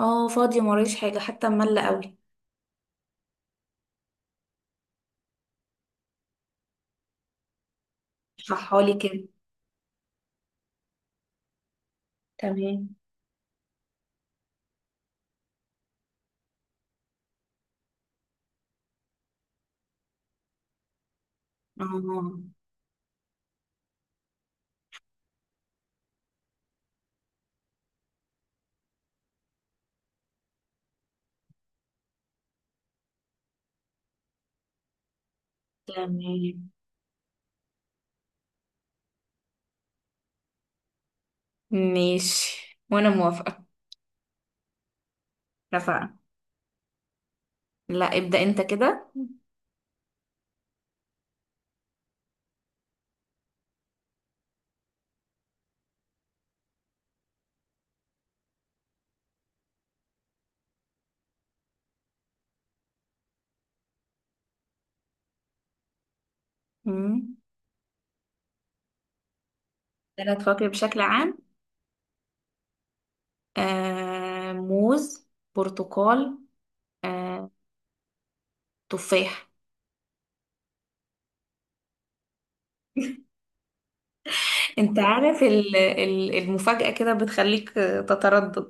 اه، فاضية مرايش حاجة حتى ملة قوي. اشرحها لي كده. تمام. اه، تمام. ماشي وانا موافقة. اتفقنا. لا، ابدأ انت كده. امم ثلاث فواكه بشكل عام. موز، برتقال، آه تفاح. انت عارف، المفاجأة كده بتخليك، تتردد.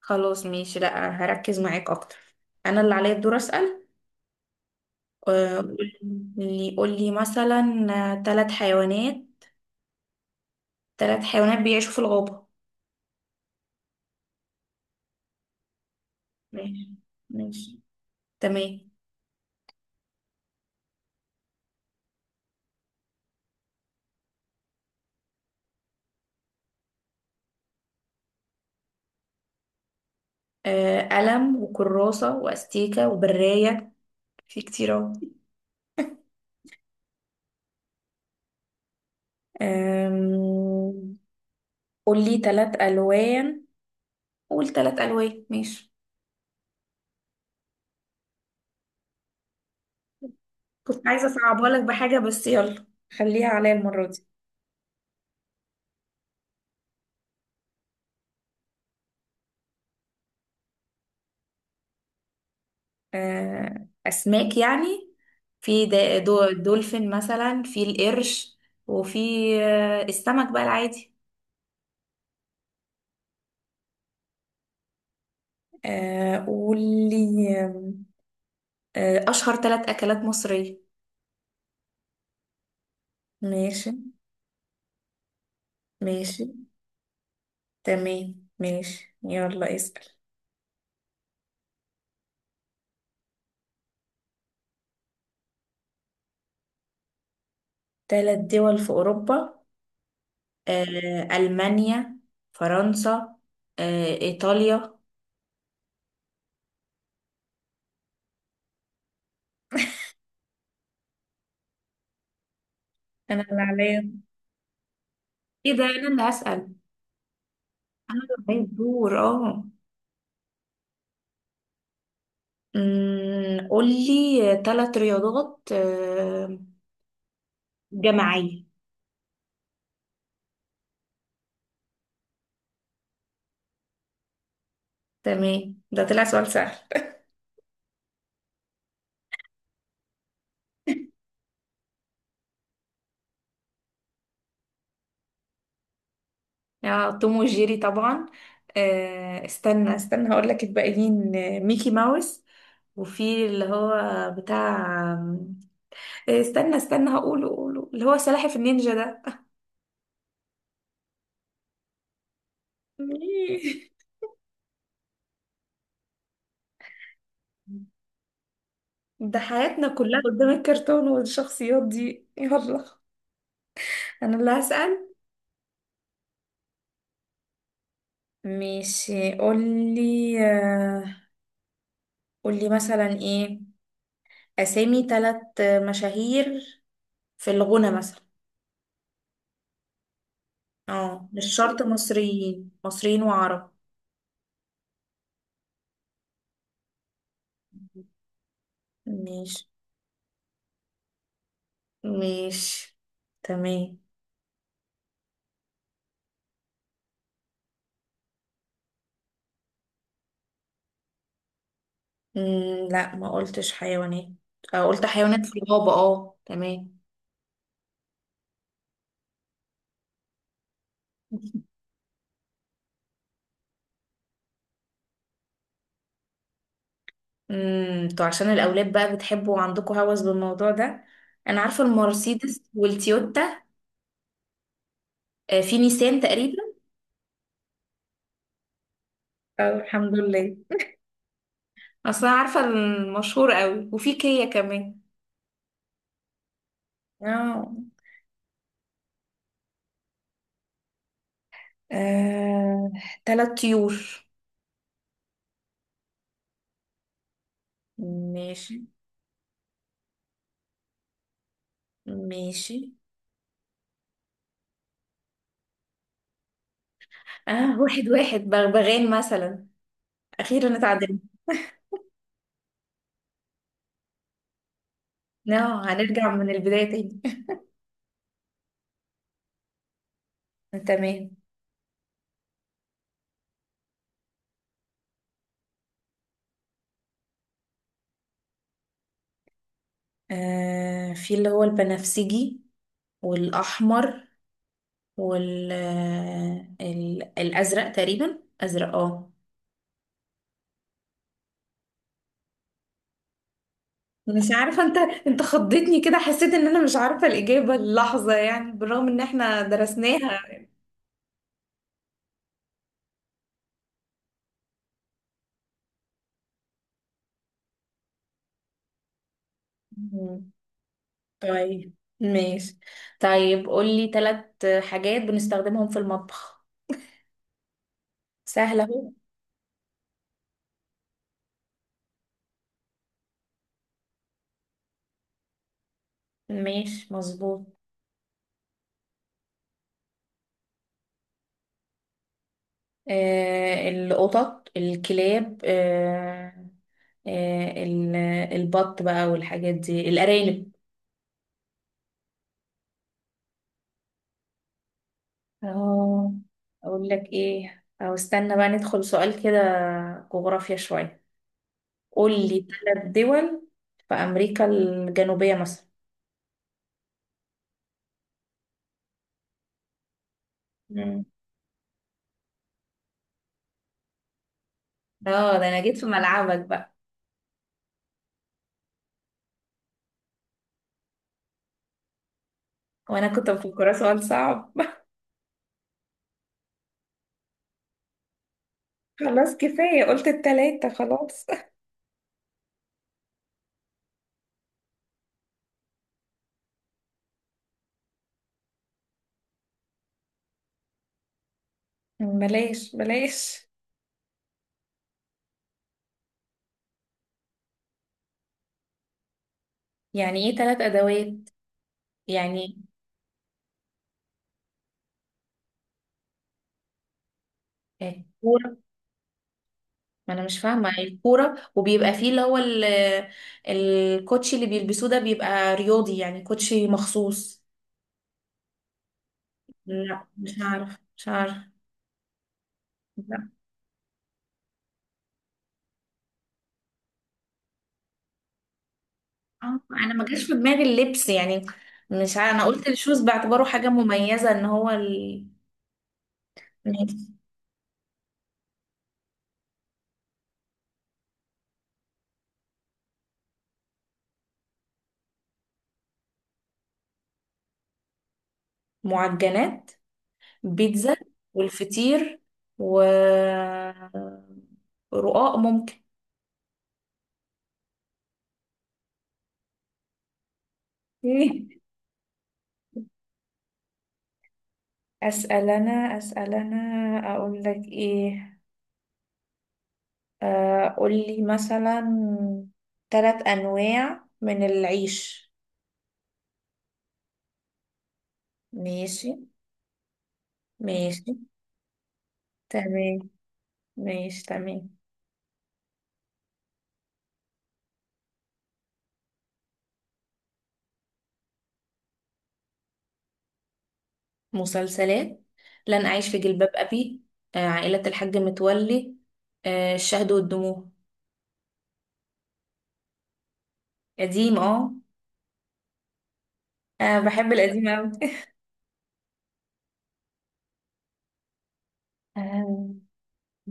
خلاص ماشي، لا هركز معاك اكتر. انا اللي عليا الدور اسأل. آه، قولي قولي مثلا ثلاث حيوانات، ثلاث حيوانات بيعيشوا في الغابة. ماشي، ماشي، تمام. قلم وكراسة وأستيكة وبراية، في كتير أهو. آم، قول لي ثلاث ألوان، قول ثلاث ألوان ماشي. كنت عايزة أصعبها لك بحاجة بس يلا، خليها عليا المرة دي. أسماك يعني، في دولفين مثلا، في القرش، وفي السمك بقى العادي. قول لي آم، آه، أشهر ثلاث أكلات مصرية. ماشي، ماشي، تمام. ماشي يلا اسأل. تلات دول في أوروبا، ألمانيا، فرنسا، إيطاليا. أنا اللي عليا. إيه ده، أنا اللي هسأل، عليا الدور اه. قولي تلات رياضات جماعية. تمام، ده طلع سؤال سهل. اه توم وجيري طبعا. استنى استنى هقول لك الباقيين، ميكي ماوس، وفي اللي هو بتاع، استنى استنى هقوله قوله اللي هو سلاحف النينجا ده. ده حياتنا كلها قدام الكرتون والشخصيات دي، يلا. انا اللي هسأل. ماشي، قولي قولي مثلا ايه، اسامي ثلاث مشاهير في الغنى مثلا. اه مش شرط مصريين، مصريين وعرب. ماشي، ماشي، تمام. لا، ما قلتش حيوانات، قلت حيوانات في الغابة، اه تمام. تو عشان الأولاد بقى بتحبوا وعندكم هوس بالموضوع ده. أنا عارفة المرسيدس والتويوتا، في نيسان تقريبا. الحمد لله، أصلا عارفة المشهور قوي، وفي كيا كمان. اه. آه، تلات طيور. ماشي، ماشي. اه، واحد واحد، بغبغان مثلا. أخيرا اتعدلنا. اه، هنرجع من البداية تاني. تمام. في اللي هو البنفسجي، والأحمر، الأزرق تقريبا، أزرق اه. مش عارفة، انت انت خضتني كده، حسيت ان انا مش عارفة الإجابة اللحظة، يعني بالرغم ان احنا درسناها. مم. طيب ماشي، طيب قولي ثلاث حاجات بنستخدمهم في المطبخ، سهلة اهو. ماشي مظبوط. القطط، الكلاب، آه، ال- البط بقى والحاجات دي، الأرانب. أهو. أقول لك إيه، أو استنى بقى ندخل سؤال كده جغرافيا شوية. قول لي ثلاث دول في أمريكا الجنوبية مثلا. مم. اه، ده أنا جيت في ملعبك بقى. وأنا كنت مفكرة سؤال صعب. خلاص كفاية، قلت التلاتة خلاص. بلاش بلاش. يعني إيه تلات أدوات، يعني؟ كورة. ما انا مش فاهمه يعني، الكوره، وبيبقى فيه اللي هو الكوتشي اللي بيلبسوه ده، بيبقى رياضي يعني، كوتشي مخصوص. لا، مش عارف مش عارف. لا. انا ما جاش في دماغي اللبس يعني. مش عارف، انا قلت الشوز باعتباره حاجه مميزه ان هو ال... ماشي. معجنات، بيتزا، والفطير، و رقاق ممكن. اسال انا، اسال انا، اقول لك ايه. قولي مثلا ثلاث أنواع من العيش. ماشي، ماشي، تمام. ماشي، تمام. مسلسلات، لن أعيش في جلباب أبي، عائلة الحاج متولي، الشهد والدموع. قديم اه، أنا بحب القديم أوي. آه،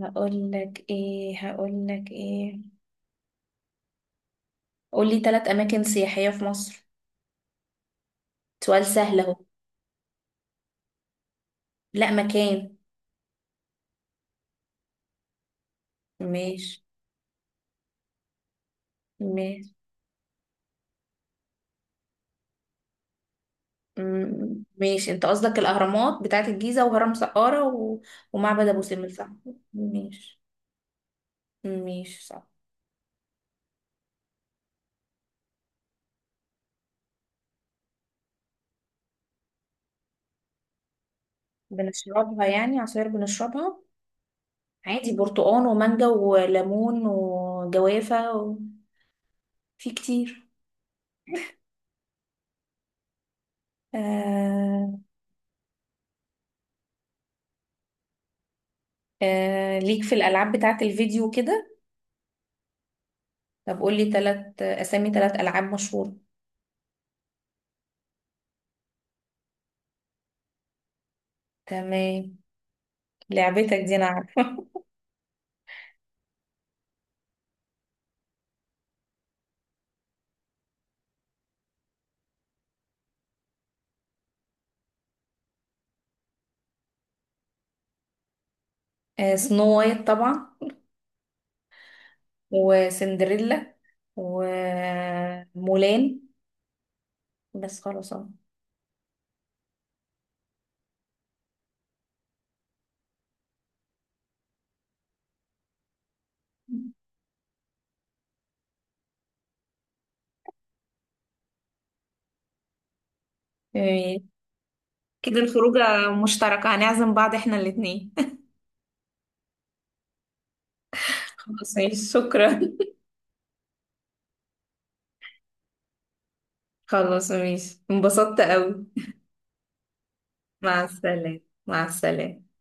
هقول لك ايه، هقول لك ايه، قولي ثلاث أماكن سياحية في مصر، سؤال سهل أهو. لا، مكان. ماشي، ماشي. ماشي، انت قصدك الاهرامات بتاعت الجيزه، وهرم سقاره، و... ومعبد ابو سمبل، صح؟ ماشي، ماشي، صح. بنشربها يعني، عصير بنشربها. عادي، برتقان ومانجا وليمون وجوافه، و... في كتير. آه... ليك في الالعاب بتاعت الفيديو كده. طب قولي تلات اسامي تلات العاب مشهوره. تمام، لعبتك دي انا عارفه. سنو وايت طبعا، وسندريلا، ومولان، بس خلاص اه. إيه، كده الخروجة مشتركة، هنعزم بعض احنا الاتنين. خلاص ماشي، شكرا. خلاص ماشي، انبسطت قوي. مع السلامة. مع السلامة.